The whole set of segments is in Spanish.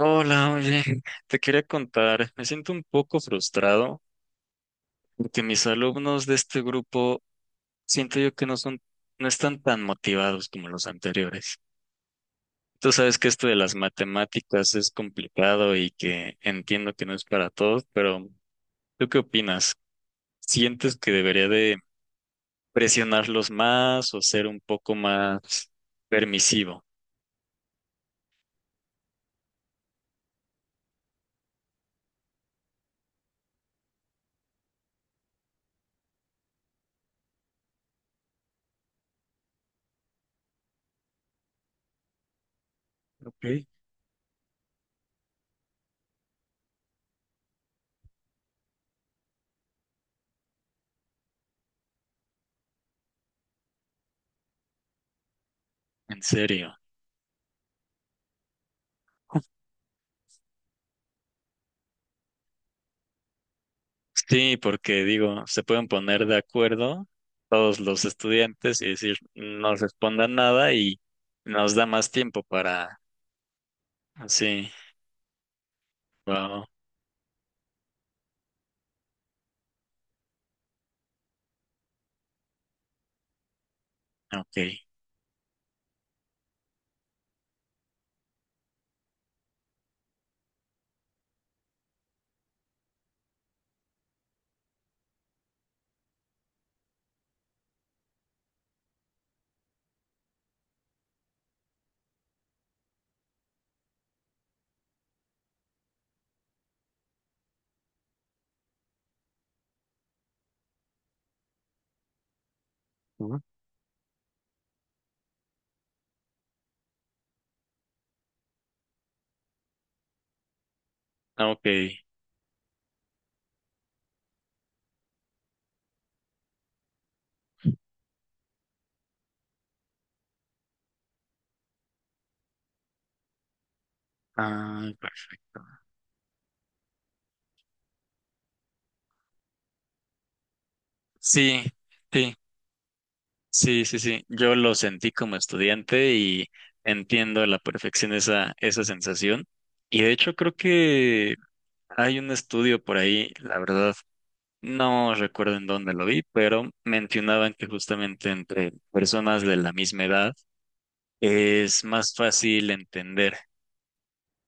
Hola, oye, te quería contar, me siento un poco frustrado porque mis alumnos de este grupo siento yo que no son, no están tan motivados como los anteriores. Tú sabes que esto de las matemáticas es complicado y que entiendo que no es para todos, pero ¿tú qué opinas? ¿Sientes que debería de presionarlos más o ser un poco más permisivo? Ok. ¿En serio? Sí, porque digo, se pueden poner de acuerdo todos los estudiantes y decir, no respondan nada y nos da más tiempo para... ah, sí. Wow. Ok. Ujú. Ok. Ah, perfecto. Sí, sí, sí, sí, sí. Yo lo sentí como estudiante y entiendo a la perfección esa sensación. Y de hecho creo que hay un estudio por ahí, la verdad no recuerdo en dónde lo vi, pero mencionaban que justamente entre personas de la misma edad es más fácil entender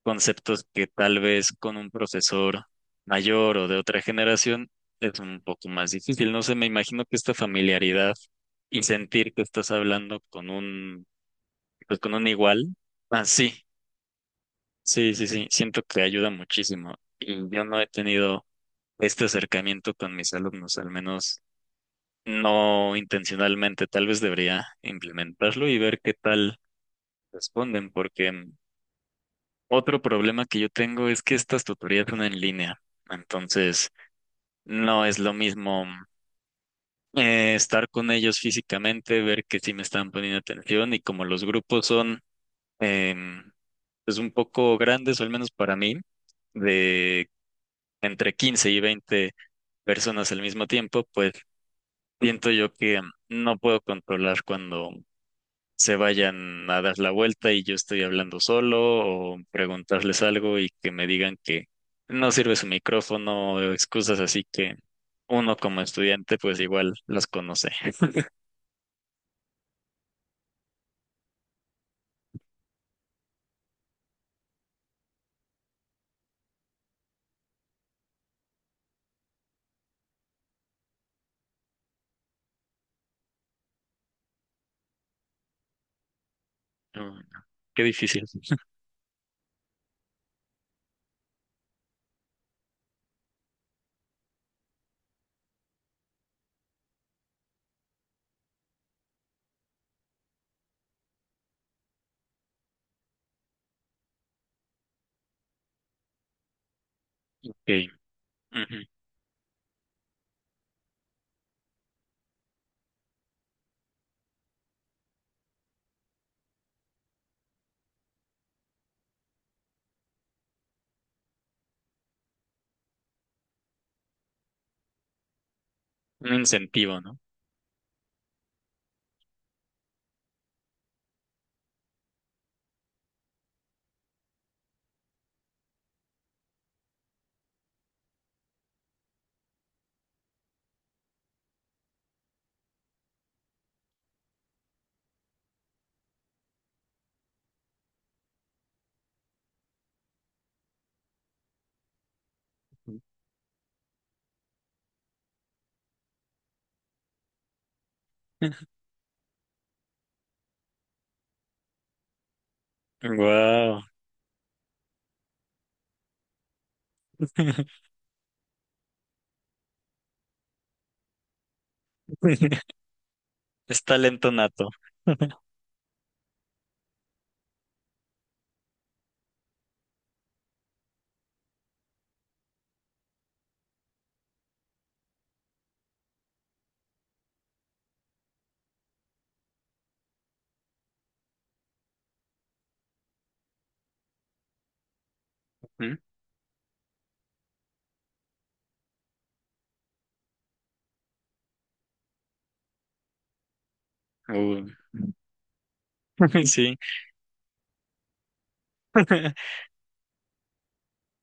conceptos que tal vez con un profesor mayor o de otra generación es un poco más difícil. No sé, me imagino que esta familiaridad y sentir que estás hablando con un, pues con un igual. Ah, sí, sí, sí, sí, siento que ayuda muchísimo. Y yo no he tenido este acercamiento con mis alumnos, al menos. No intencionalmente. Tal vez debería implementarlo y ver qué tal responden, porque otro problema que yo tengo es que estas tutorías son en línea. Entonces, no es lo mismo estar con ellos físicamente, ver que sí me están poniendo atención y como los grupos son em, pues un poco grandes, o al menos para mí, de entre 15 y 20 personas al mismo tiempo, pues siento yo que no puedo controlar cuando se vayan a dar la vuelta y yo estoy hablando solo o preguntarles algo y que me digan que no sirve su micrófono o excusas así que uno como estudiante pues igual las conoce. No, no, qué difícil. Ok. Ujú. Un incentivo, ¿no? Wow. Es talento nato. Ujú. Uh. Sí.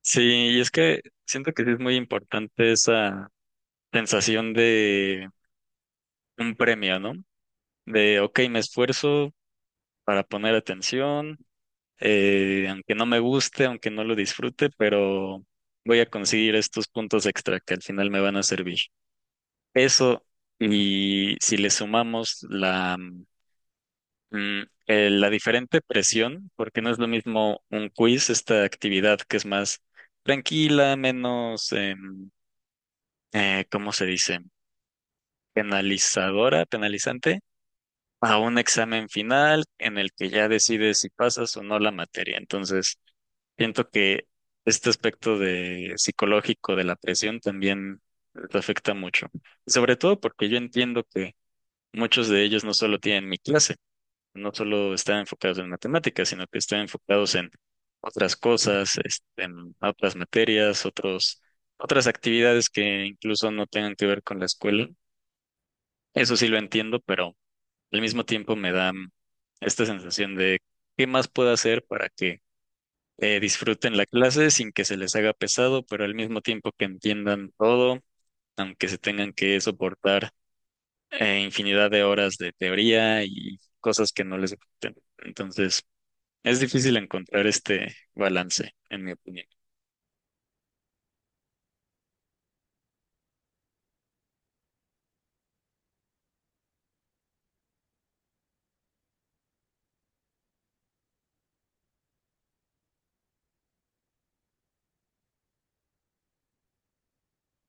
Sí, y es que siento que sí es muy importante esa sensación de un premio, ¿no? De, ok, me esfuerzo para poner atención, aunque no me guste, aunque no lo disfrute, pero voy a conseguir estos puntos extra que al final me van a servir. Eso, y si le sumamos la, la diferente presión, porque no es lo mismo un quiz, esta actividad que es más tranquila, menos, ¿cómo se dice? Penalizadora, penalizante, a un examen final en el que ya decides si pasas o no la materia. Entonces, siento que este aspecto de psicológico de la presión también te afecta mucho. Y sobre todo porque yo entiendo que muchos de ellos no solo tienen mi clase, no solo están enfocados en matemáticas, sino que están enfocados en otras cosas, este, en otras materias, otros, otras actividades que incluso no tengan que ver con la escuela. Eso sí lo entiendo, pero al mismo tiempo me da esta sensación de qué más puedo hacer para que disfruten la clase sin que se les haga pesado, pero al mismo tiempo que entiendan todo, aunque se tengan que soportar infinidad de horas de teoría y cosas que no les gusten. Entonces, es difícil encontrar este balance, en mi opinión.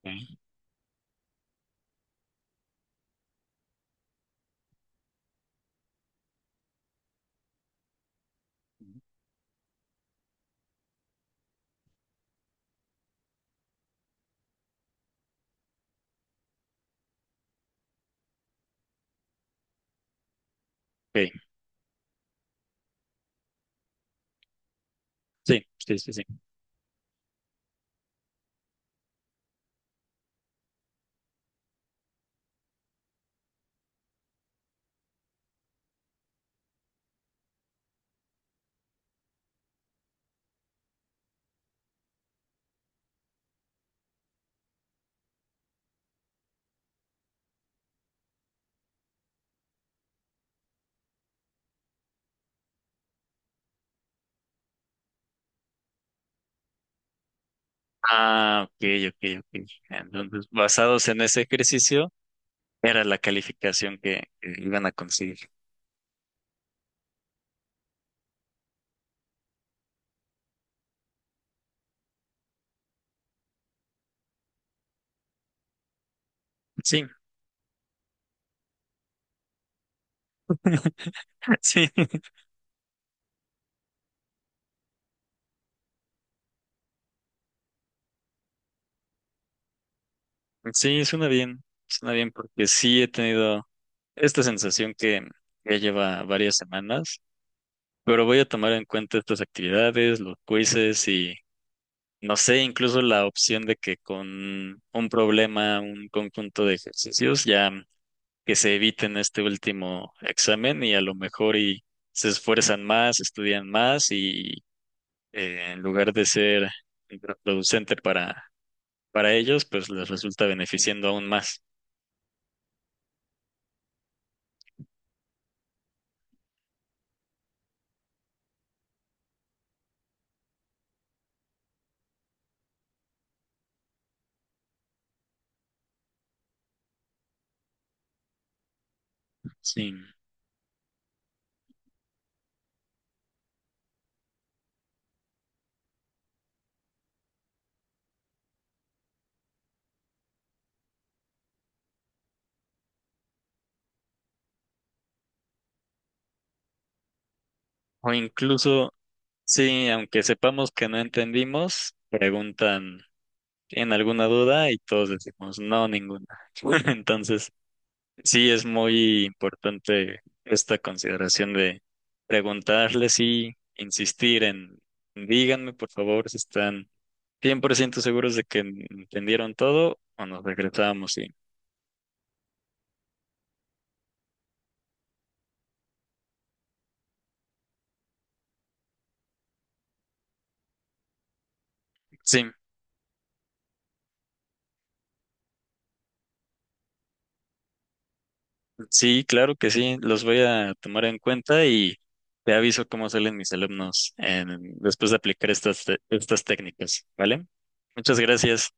Ok. Ok. Sí, sí, sí, sí. Ah, ok, ok, ok. Entonces, basados en ese ejercicio, era la calificación que iban a conseguir. Sí. Sí, sí, suena bien porque sí he tenido esta sensación que ya lleva varias semanas, pero voy a tomar en cuenta estas actividades, los quizzes y no sé, incluso la opción de que con un problema, un conjunto de ejercicios, ya que se eviten este último examen y a lo mejor y se esfuerzan más, estudian más y en lugar de ser contraproducente para ellos, pues les resulta beneficiando aún más. Sí. O incluso, sí, aunque sepamos que no entendimos, preguntan en alguna duda y todos decimos, no, ninguna. Entonces, sí es muy importante esta consideración de preguntarles y insistir en, díganme por favor si están 100% seguros de que entendieron todo o nos regresamos. Sí, sí. Sí, claro que sí, los voy a tomar en cuenta y te aviso cómo salen mis alumnos en- después de aplicar estas, te- estas técnicas, ¿vale? Muchas gracias.